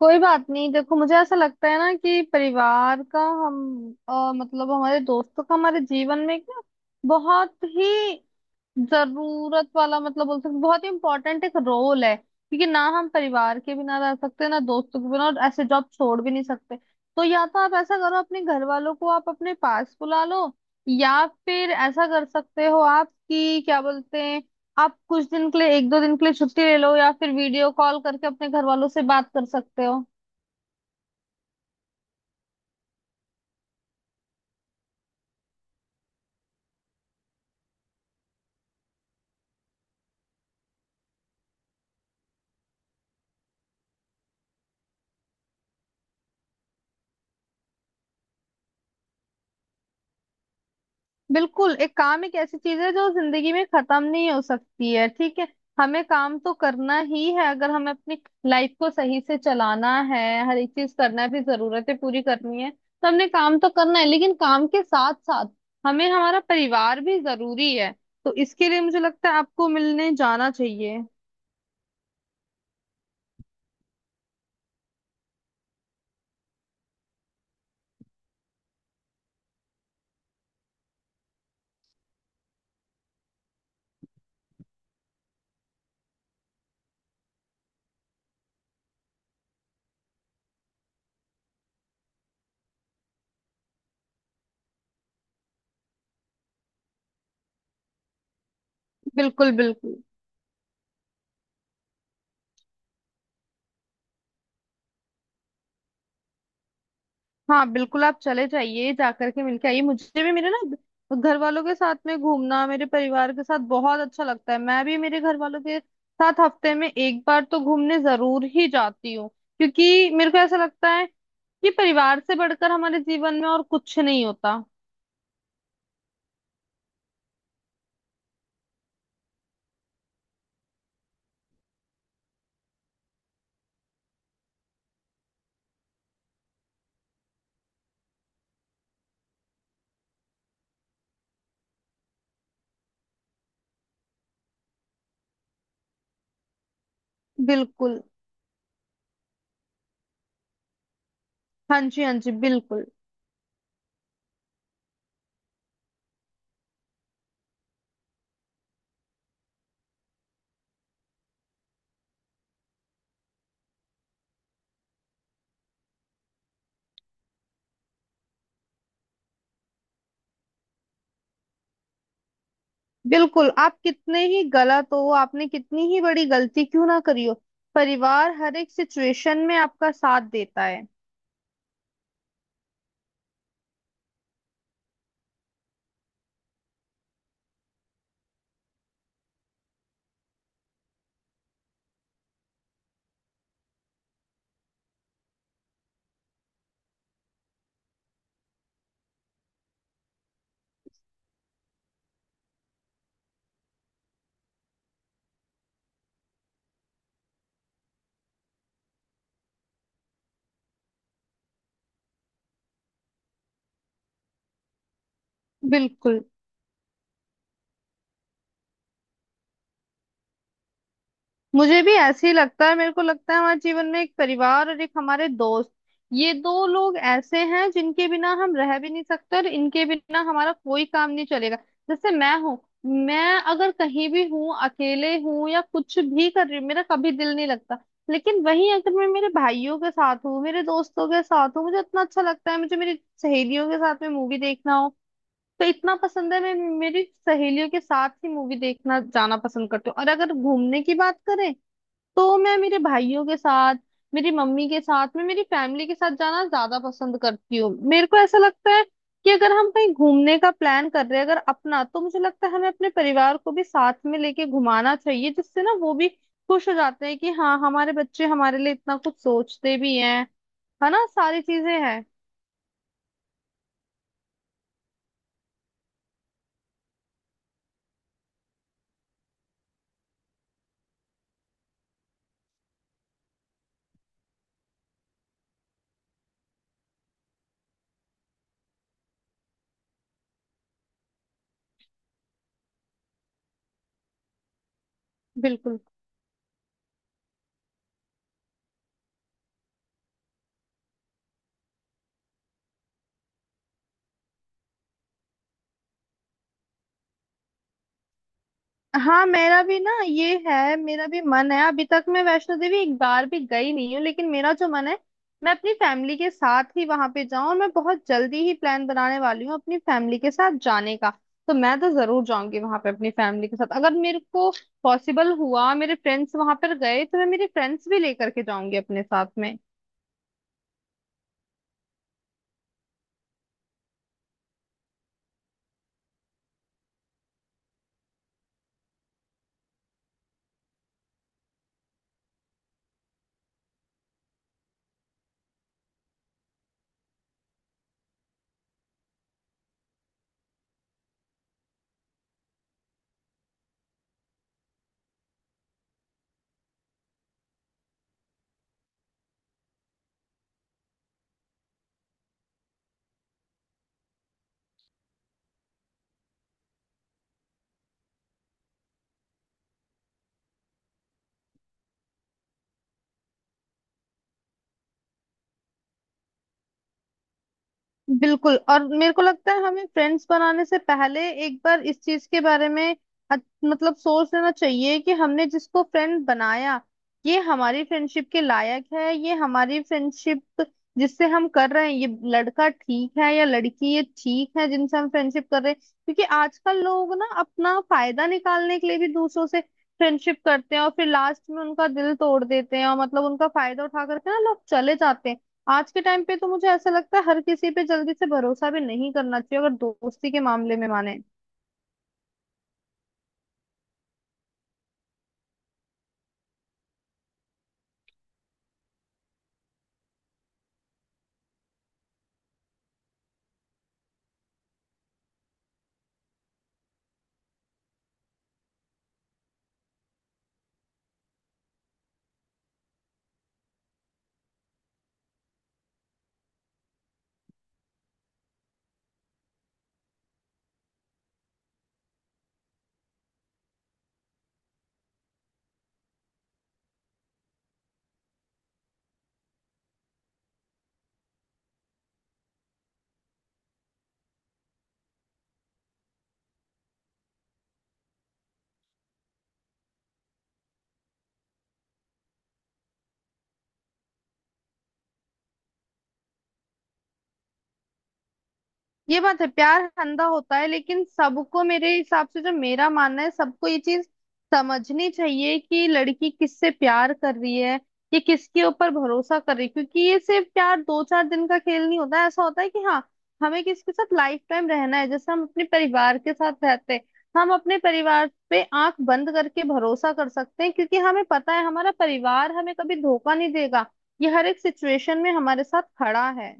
कोई बात नहीं। देखो, मुझे ऐसा लगता है ना कि परिवार का हम मतलब हमारे दोस्तों का हमारे जीवन में एक ना बहुत ही जरूरत वाला मतलब बोल सकते बहुत ही इम्पोर्टेंट एक रोल है, क्योंकि ना हम परिवार के बिना रह सकते ना दोस्तों के बिना, और ऐसे जॉब छोड़ भी नहीं सकते। तो या तो आप ऐसा करो, अपने घर वालों को आप अपने पास बुला लो, या फिर ऐसा कर सकते हो आप कि क्या बोलते हैं, आप कुछ दिन के लिए, एक दो दिन के लिए छुट्टी ले लो, या फिर वीडियो कॉल करके अपने घर वालों से बात कर सकते हो। बिल्कुल, एक काम, एक ऐसी चीज है जो जिंदगी में खत्म नहीं हो सकती है, ठीक है। हमें काम तो करना ही है, अगर हमें अपनी लाइफ को सही से चलाना है, हर एक चीज करना है, अपनी जरूरतें पूरी करनी है, तो हमने काम तो करना है, लेकिन काम के साथ साथ हमें हमारा परिवार भी जरूरी है। तो इसके लिए मुझे लगता है आपको मिलने जाना चाहिए। बिल्कुल बिल्कुल। हाँ बिल्कुल, आप चले जाइए, जाकर के मिलके आइए। मुझे भी मेरे ना घर वालों के साथ में घूमना, मेरे परिवार के साथ बहुत अच्छा लगता है। मैं भी मेरे घर वालों के साथ हफ्ते में एक बार तो घूमने जरूर ही जाती हूँ, क्योंकि मेरे को ऐसा लगता है कि परिवार से बढ़कर हमारे जीवन में और कुछ नहीं होता। बिल्कुल। हाँ जी, हाँ जी, बिल्कुल। बिल्कुल, आप कितने ही गलत हो, आपने कितनी ही बड़ी गलती क्यों ना करी हो, परिवार हर एक सिचुएशन में आपका साथ देता है। बिल्कुल। मुझे भी ऐसे ही लगता है। मेरे को लगता है हमारे जीवन में एक परिवार और एक हमारे दोस्त, ये दो लोग ऐसे हैं जिनके बिना हम रह भी नहीं सकते और इनके बिना हमारा कोई काम नहीं चलेगा। जैसे मैं हूँ, मैं अगर कहीं भी हूँ, अकेले हूँ या कुछ भी कर रही हूँ, मेरा कभी दिल नहीं लगता। लेकिन वहीं अगर मैं मेरे भाइयों के साथ हूँ, मेरे दोस्तों के साथ हूँ, मुझे इतना अच्छा लगता है। मुझे मेरी सहेलियों के साथ में मूवी देखना हो तो इतना पसंद है, मैं मेरी सहेलियों के साथ ही मूवी देखना जाना पसंद करती हूँ। और अगर घूमने की बात करें तो मैं मेरे भाइयों के साथ, मेरी मम्मी के साथ, मैं मेरी फैमिली के साथ जाना ज्यादा पसंद करती हूँ। मेरे को ऐसा लगता है कि अगर हम कहीं घूमने का प्लान कर रहे हैं अगर अपना, तो मुझे लगता है हमें अपने परिवार को भी साथ में लेके घुमाना चाहिए, जिससे ना वो भी खुश हो जाते हैं कि हाँ, हमारे बच्चे हमारे लिए इतना कुछ सोचते भी हैं। है ना, सारी चीजें हैं। बिल्कुल। हाँ मेरा भी ना ये है, मेरा भी मन है, अभी तक मैं वैष्णो देवी एक बार भी गई नहीं हूँ, लेकिन मेरा जो मन है, मैं अपनी फैमिली के साथ ही वहां पे जाऊं, और मैं बहुत जल्दी ही प्लान बनाने वाली हूँ अपनी फैमिली के साथ जाने का। तो मैं तो जरूर जाऊंगी वहां पे अपनी फैमिली के साथ। अगर मेरे को पॉसिबल हुआ, मेरे फ्रेंड्स वहां पर गए, तो मैं मेरे फ्रेंड्स भी लेकर के जाऊंगी अपने साथ में। बिल्कुल। और मेरे को लगता है हमें फ्रेंड्स बनाने से पहले एक बार इस चीज के बारे में अच- मतलब सोच लेना चाहिए कि हमने जिसको फ्रेंड बनाया, ये हमारी फ्रेंडशिप के लायक है, ये हमारी फ्रेंडशिप जिससे हम कर रहे हैं, ये लड़का ठीक है या लड़की ये ठीक है जिनसे हम फ्रेंडशिप कर रहे हैं। क्योंकि आजकल लोग ना अपना फायदा निकालने के लिए भी दूसरों से फ्रेंडशिप करते हैं और फिर लास्ट में उनका दिल तोड़ देते हैं, और मतलब उनका फायदा उठा करके ना लोग चले जाते हैं। आज के टाइम पे तो मुझे ऐसा लगता है हर किसी पे जल्दी से भरोसा भी नहीं करना चाहिए, अगर दोस्ती के मामले में माने। ये बात है, प्यार अंधा होता है, लेकिन सबको मेरे हिसाब से, जो मेरा मानना है, सबको ये चीज समझनी चाहिए कि लड़की किससे प्यार कर रही है, ये किसके ऊपर भरोसा कर रही है। क्योंकि ये सिर्फ प्यार दो चार दिन का खेल नहीं होता है, ऐसा होता है कि हाँ, हमें किसके साथ लाइफ टाइम रहना है। जैसे हम अपने परिवार के साथ रहते हैं, हम अपने परिवार पे आंख बंद करके भरोसा कर सकते हैं, क्योंकि हमें पता है हमारा परिवार हमें कभी धोखा नहीं देगा, ये हर एक सिचुएशन में हमारे साथ खड़ा है।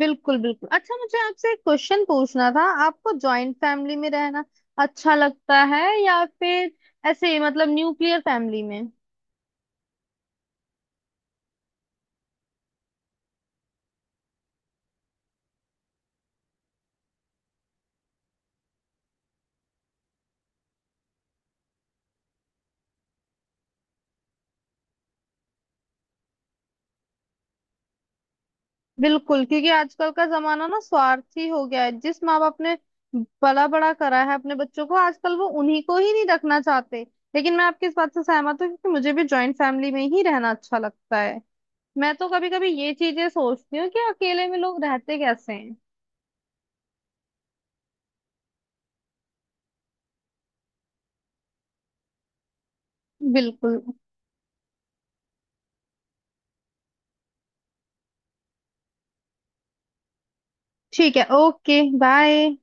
बिल्कुल बिल्कुल। अच्छा, मुझे आपसे एक क्वेश्चन पूछना था, आपको जॉइंट फैमिली में रहना अच्छा लगता है या फिर ऐसे ही, मतलब न्यूक्लियर फैमिली में? बिल्कुल, क्योंकि आजकल का जमाना ना स्वार्थी हो गया है। जिस माँ बाप ने पला बड़ा करा है अपने बच्चों को, आजकल वो उन्हीं को ही नहीं रखना चाहते। लेकिन मैं आपकी इस बात से सहमत हूँ, क्योंकि मुझे भी जॉइंट फैमिली में ही रहना अच्छा लगता है। मैं तो कभी कभी ये चीजें सोचती हूँ कि अकेले में लोग रहते कैसे हैं। बिल्कुल। ठीक है, ओके, बाय।